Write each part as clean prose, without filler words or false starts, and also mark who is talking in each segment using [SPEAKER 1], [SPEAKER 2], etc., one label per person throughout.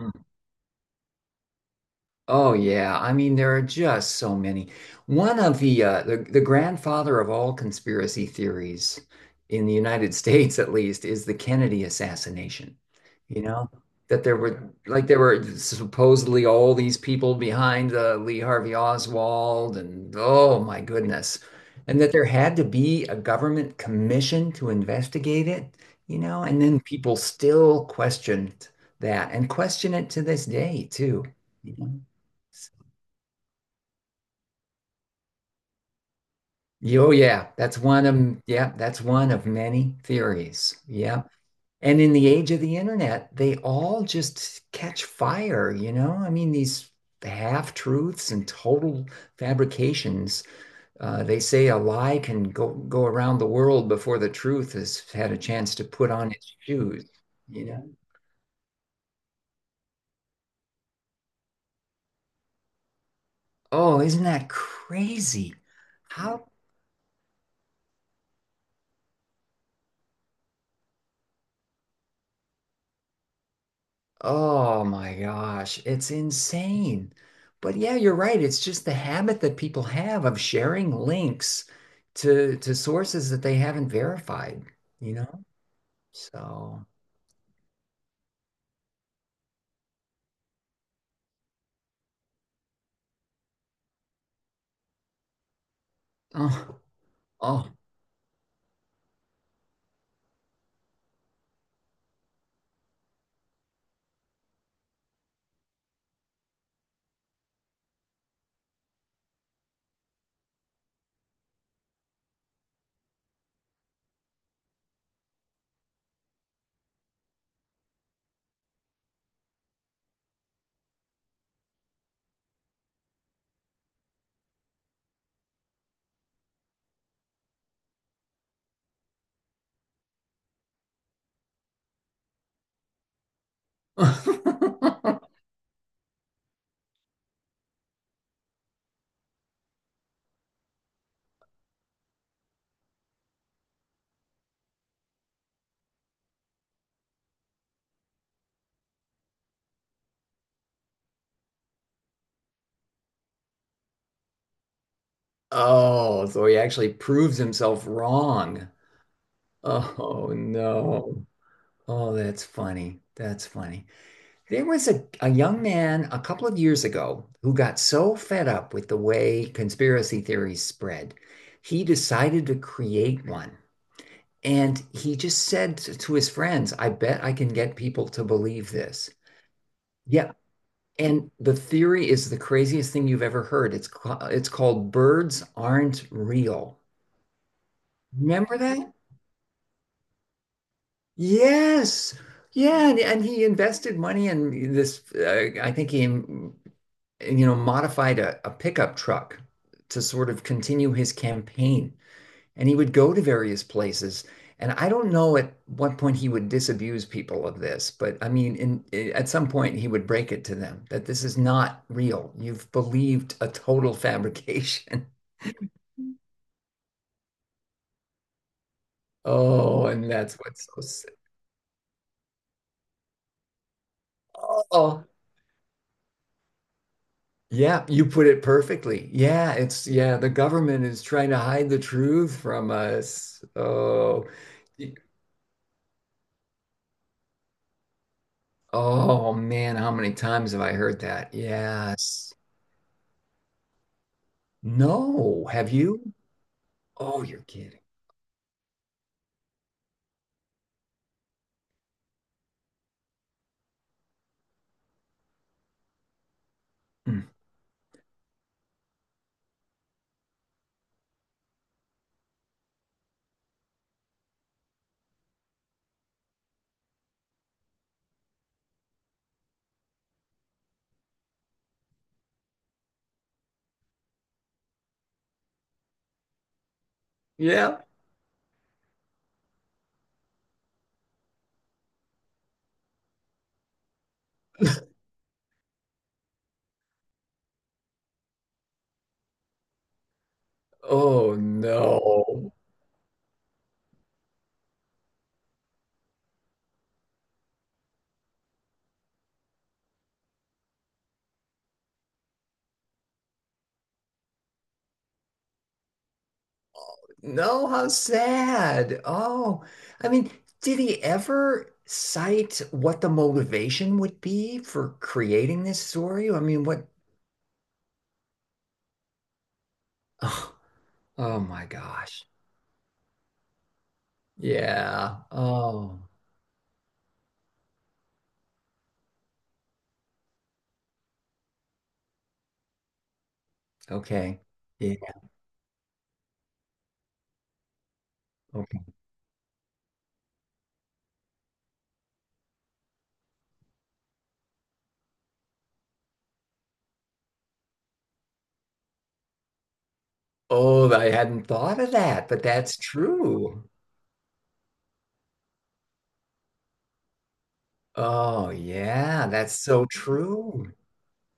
[SPEAKER 1] Hmm. Oh yeah, I mean there are just so many. One of the grandfather of all conspiracy theories in the United States, at least, is the Kennedy assassination. You know, that there were like there were supposedly all these people behind Lee Harvey Oswald, and oh my goodness, and that there had to be a government commission to investigate it. You know, and then people still questioned that and question it to this day too. Oh yeah, that's one of yeah, that's one of many theories. Yeah. And in the age of the internet, they all just catch fire, you know? I mean, these half-truths and total fabrications. They say a lie can go around the world before the truth has had a chance to put on its shoes, you know? Oh, isn't that crazy? Yeah. How oh my gosh, it's insane. But yeah, you're right. It's just the habit that people have of sharing links to sources that they haven't verified, you know? So, oh, oh. Oh, so he actually proves himself wrong. Oh no. Oh, that's funny. That's funny. There was a young man a couple of years ago who got so fed up with the way conspiracy theories spread, he decided to create one. And he just said to his friends, I bet I can get people to believe this. Yeah. And the theory is the craziest thing you've ever heard. It's called birds aren't real. Remember that? Yes. Yeah, and he invested money in this. I think he, you know, modified a pickup truck to sort of continue his campaign. And he would go to various places. And I don't know at what point he would disabuse people of this, but I mean, at some point he would break it to them that this is not real. You've believed a total fabrication. Oh, and that's what's so sick. Oh, yeah, you put it perfectly. Yeah, it's yeah, the government is trying to hide the truth from us. Oh, oh man, how many times have I heard that? Yes. No, have you? Oh, you're kidding. Mm. Yeah. Oh no. No, how sad. Oh, I mean, did he ever cite what the motivation would be for creating this story? I mean, what? Oh, oh my gosh. Yeah. Oh, okay. Yeah. Okay. Oh, I hadn't thought of that, but that's true. Oh, yeah, that's so true.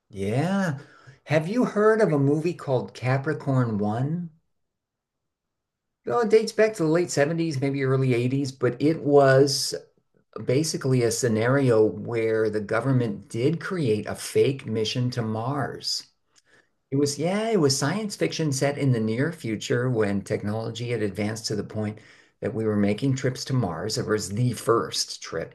[SPEAKER 1] Yeah. Have you heard of a movie called Capricorn One? Oh, it dates back to the late '70s, maybe early '80s, but it was basically a scenario where the government did create a fake mission to Mars. It was, yeah, it was science fiction set in the near future when technology had advanced to the point that we were making trips to Mars. It was the first trip.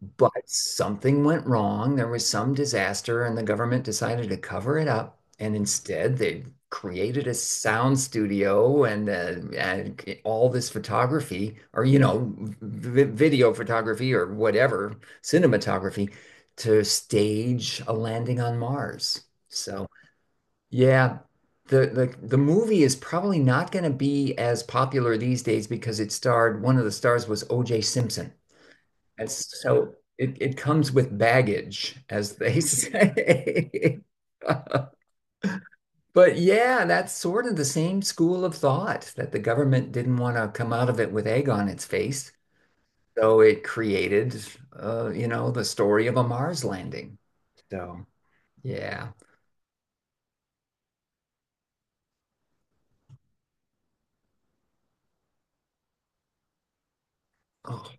[SPEAKER 1] But something went wrong. There was some disaster, and the government decided to cover it up. And instead, they created a sound studio and all this photography, or, you know, v video photography or whatever, cinematography to stage a landing on Mars. So, yeah. The movie is probably not going to be as popular these days because it starred one of the stars was O.J. Simpson. It's so it comes with baggage, as they say. But yeah, that's sort of the same school of thought that the government didn't want to come out of it with egg on its face. So it created, you know, the story of a Mars landing. So yeah. Oh,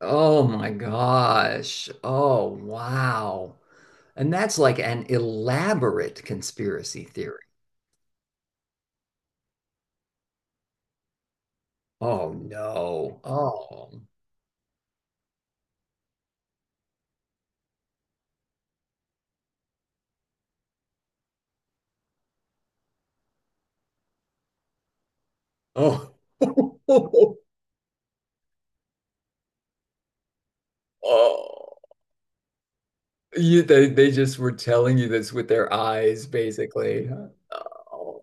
[SPEAKER 1] oh my gosh. Oh, wow. And that's like an elaborate conspiracy theory. Oh no. Oh oh. Oh. You, they just were telling you this with their eyes, basically. Oh,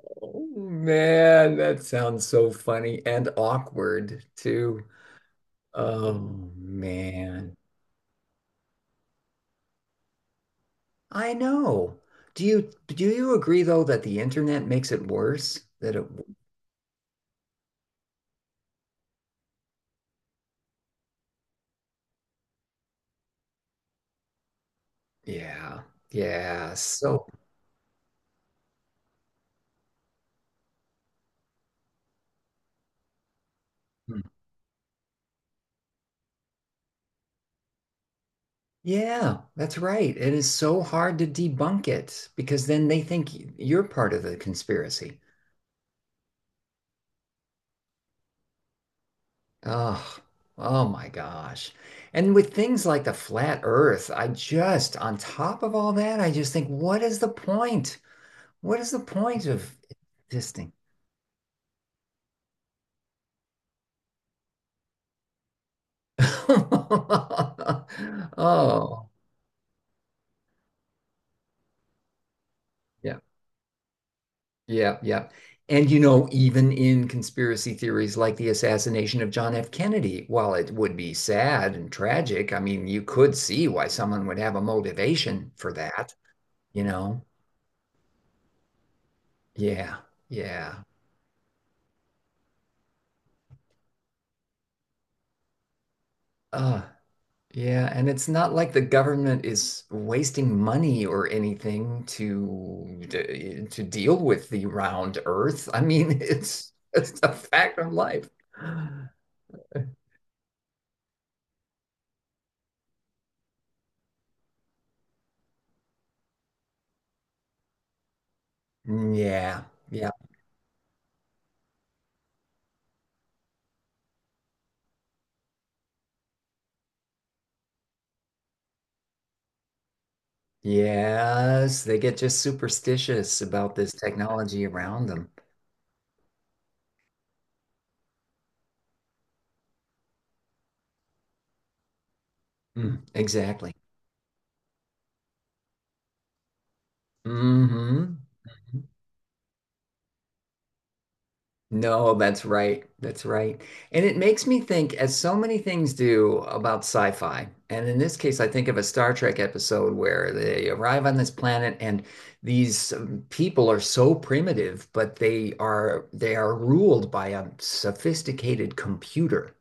[SPEAKER 1] man, that sounds so funny and awkward too. Oh, man. I know. Do you agree though that the internet makes it worse? That it, yeah, yeah. So, hmm, yeah, that's right. It is so hard to debunk it because then they think you're part of the conspiracy. Oh, oh my gosh. And with things like the flat earth, I just, on top of all that, I just think, what is the point? What is the point of existing? Oh, yeah, yeah, yeah. And you know, even in conspiracy theories like the assassination of John F. Kennedy, while it would be sad and tragic, I mean, you could see why someone would have a motivation for that, you know? Yeah, yeah. Yeah, and it's not like the government is wasting money or anything to deal with the round Earth. I mean, it's a fact of life. Mm, yeah, yeah, yes, they get just superstitious about this technology around them. Mm, exactly. Hmm. No, that's right. That's right. And it makes me think, as so many things do, about sci-fi. And in this case, I think of a Star Trek episode where they arrive on this planet and these people are so primitive, but they are ruled by a sophisticated computer.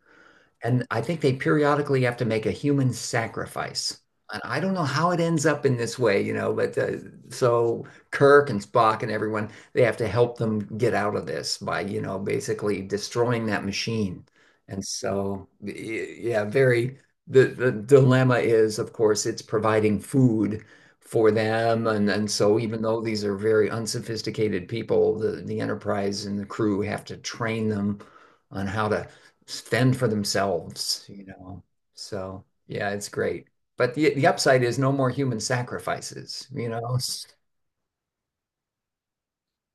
[SPEAKER 1] And I think they periodically have to make a human sacrifice. And I don't know how it ends up in this way, you know, but so Kirk and Spock and everyone, they have to help them get out of this by, you know, basically destroying that machine. And so, y- yeah, very, the dilemma is, of course, it's providing food for them. And so, even though these are very unsophisticated people, the Enterprise and the crew have to train them on how to fend for themselves, you know. So yeah, it's great. But the upside is no more human sacrifices, you know.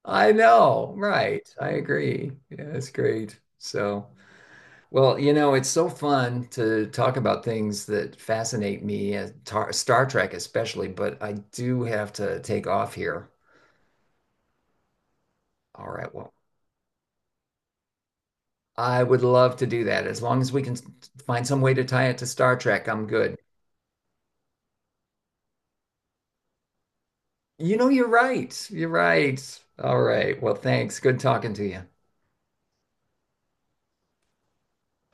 [SPEAKER 1] I know, right. I agree. Yeah, it's great. So, well, you know, it's so fun to talk about things that fascinate me, tar Star Trek especially, but I do have to take off here. All right, well, I would love to do that. As long as we can s- find some way to tie it to Star Trek, I'm good. You know, you're right. You're right. All right. Well, thanks. Good talking to you.